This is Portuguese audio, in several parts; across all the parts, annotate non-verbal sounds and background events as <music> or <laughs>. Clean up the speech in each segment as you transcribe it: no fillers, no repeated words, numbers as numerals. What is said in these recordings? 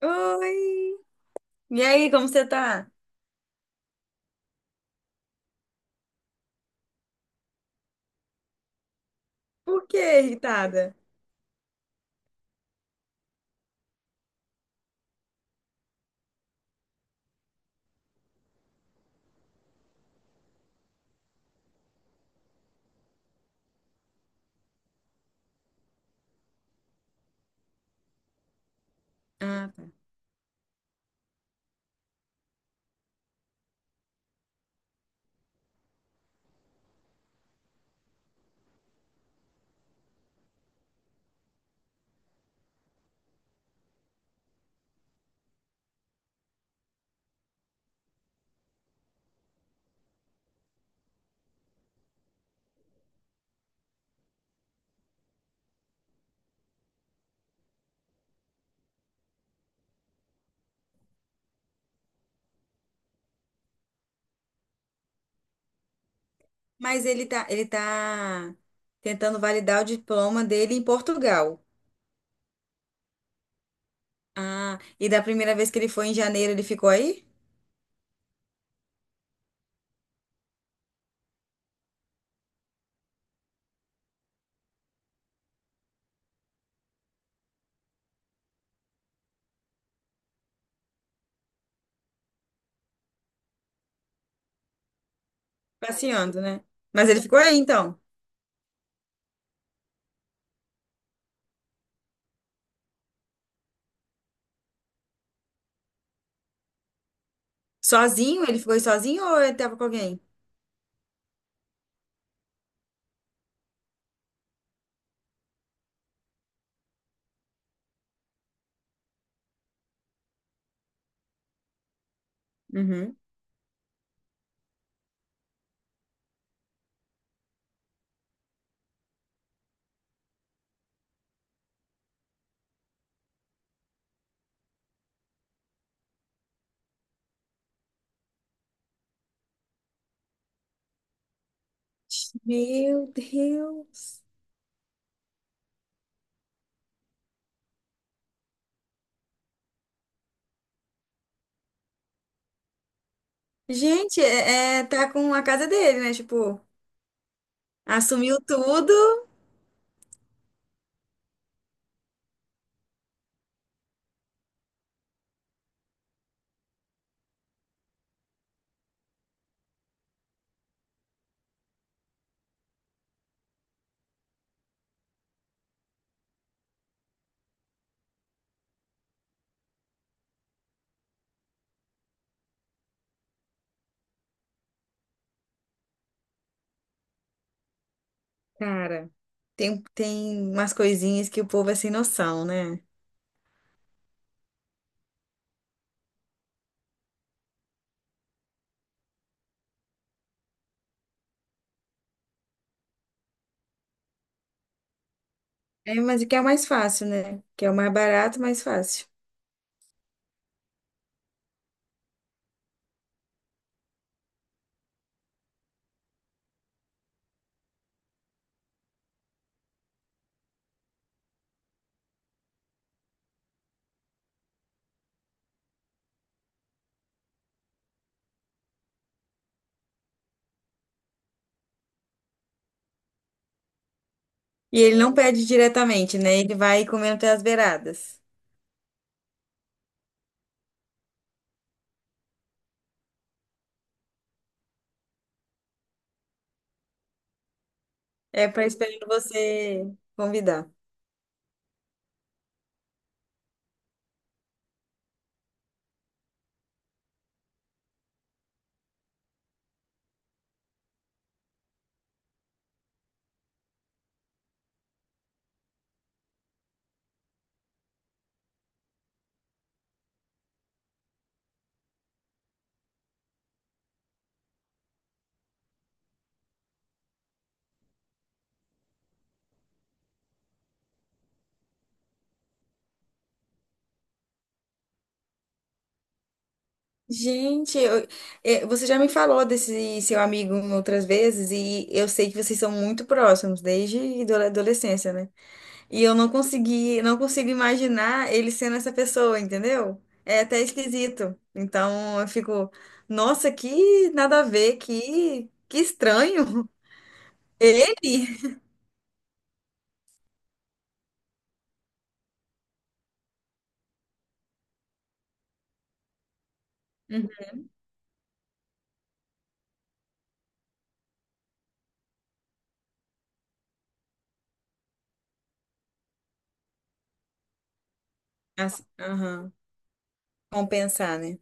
Oi! E aí, como você tá? Por que irritada? Ah, tá. Mas ele tá tentando validar o diploma dele em Portugal. Ah, e da primeira vez que ele foi em janeiro, ele ficou aí? Passeando, né? Mas ele ficou aí, então. Sozinho? Ele ficou aí sozinho ou ele tava com alguém? Uhum. Meu Deus! Gente, tá com a casa dele, né? Tipo, assumiu tudo. Cara, tem umas coisinhas que o povo é sem noção, né? É, mas o que é o mais fácil, né? Que é o mais barato, mais fácil. E ele não pede diretamente, né? Ele vai comendo até as beiradas. É para esperando você convidar. Gente, eu- é, você já me falou desse seu amigo outras vezes e eu sei que vocês são muito próximos desde adolescência, né? E eu não consegui, não consigo imaginar ele sendo essa pessoa, entendeu? É até esquisito. Então eu fico, nossa, que nada a ver, que estranho. <laughs> Ele? Uhum. Assim, aham. Compensar, né?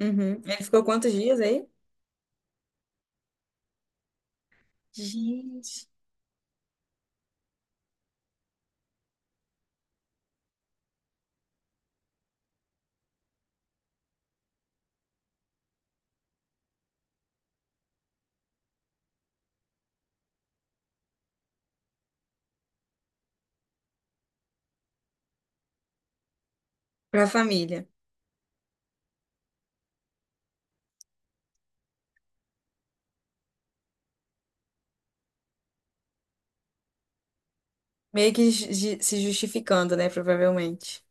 Uhum. Ele ficou quantos dias aí? Gente. Pra família. Meio que se justificando, né? Provavelmente.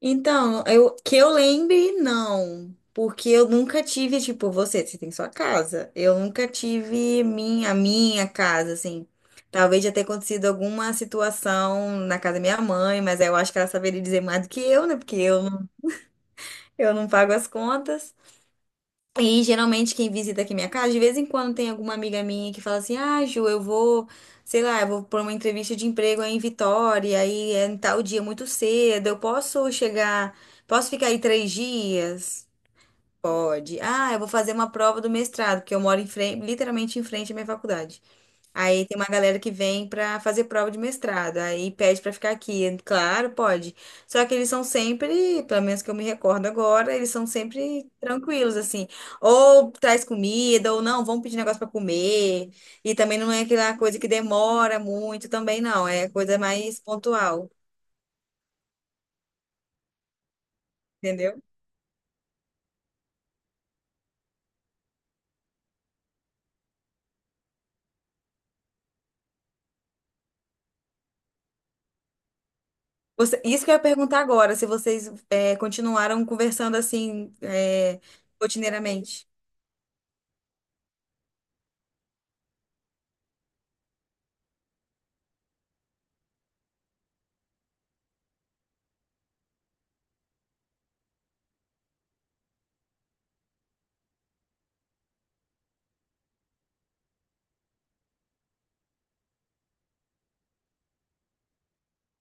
Então, eu, que eu lembre, não. Porque eu nunca tive, tipo, você tem sua casa. Eu nunca tive minha, a minha casa, assim. Talvez já tenha acontecido alguma situação na casa da minha mãe, mas aí eu acho que ela saberia dizer mais do que eu, né? Porque eu não pago as contas. E geralmente quem visita aqui minha casa, de vez em quando tem alguma amiga minha que fala assim: ah, Ju, sei lá, eu vou por uma entrevista de emprego aí em Vitória, aí é em tal dia muito cedo, eu posso chegar, posso ficar aí três dias? Pode. Ah, eu vou fazer uma prova do mestrado, porque eu moro em frente, literalmente em frente à minha faculdade. Aí tem uma galera que vem pra fazer prova de mestrado, aí pede pra ficar aqui. Claro, pode. Só que eles são sempre, pelo menos que eu me recordo agora, eles são sempre tranquilos, assim. Ou traz comida, ou não, vamos pedir negócio pra comer. E também não é aquela coisa que demora muito, também não. É coisa mais pontual, entendeu? Isso que eu ia perguntar agora, se vocês continuaram conversando assim, é, rotineiramente.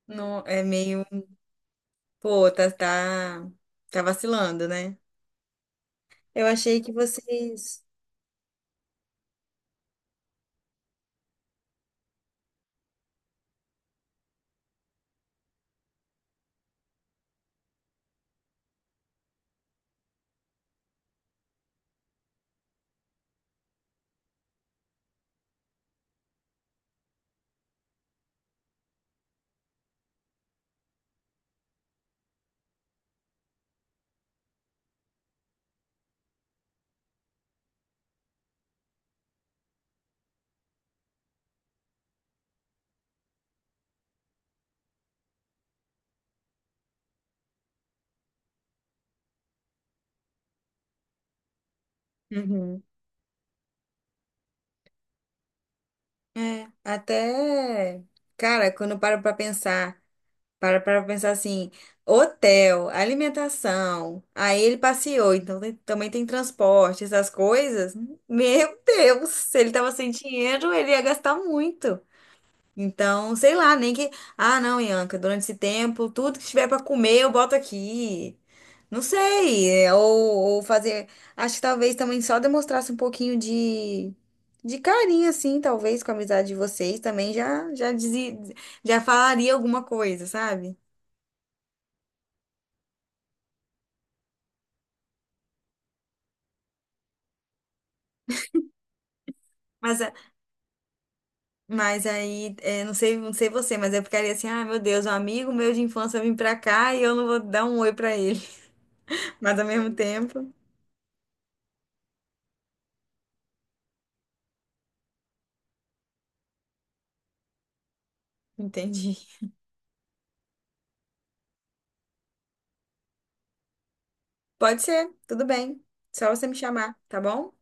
Não, é meio. Pô, tá vacilando, né? Eu achei que vocês. Uhum. É, até. Cara, quando eu paro pra pensar, para pra pensar assim: hotel, alimentação, aí ele passeou, então também tem transporte, essas coisas. Meu Deus, se ele tava sem dinheiro, ele ia gastar muito. Então, sei lá, nem que. Ah, não, Ianca, durante esse tempo, tudo que tiver pra comer eu boto aqui. Não sei. Ou fazer. Acho que talvez também só demonstrasse um pouquinho de. De carinho, assim, talvez, com a amizade de vocês também já dizia, já falaria alguma coisa, sabe? Mas, a- mas aí, é, não sei, não sei você, mas eu ficaria assim, ah, meu Deus, um amigo meu de infância vem pra cá e eu não vou dar um oi pra ele. <laughs> Mas ao mesmo tempo, entendi. Pode ser, tudo bem. Só você me chamar, tá bom?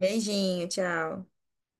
Beijinho, tchau.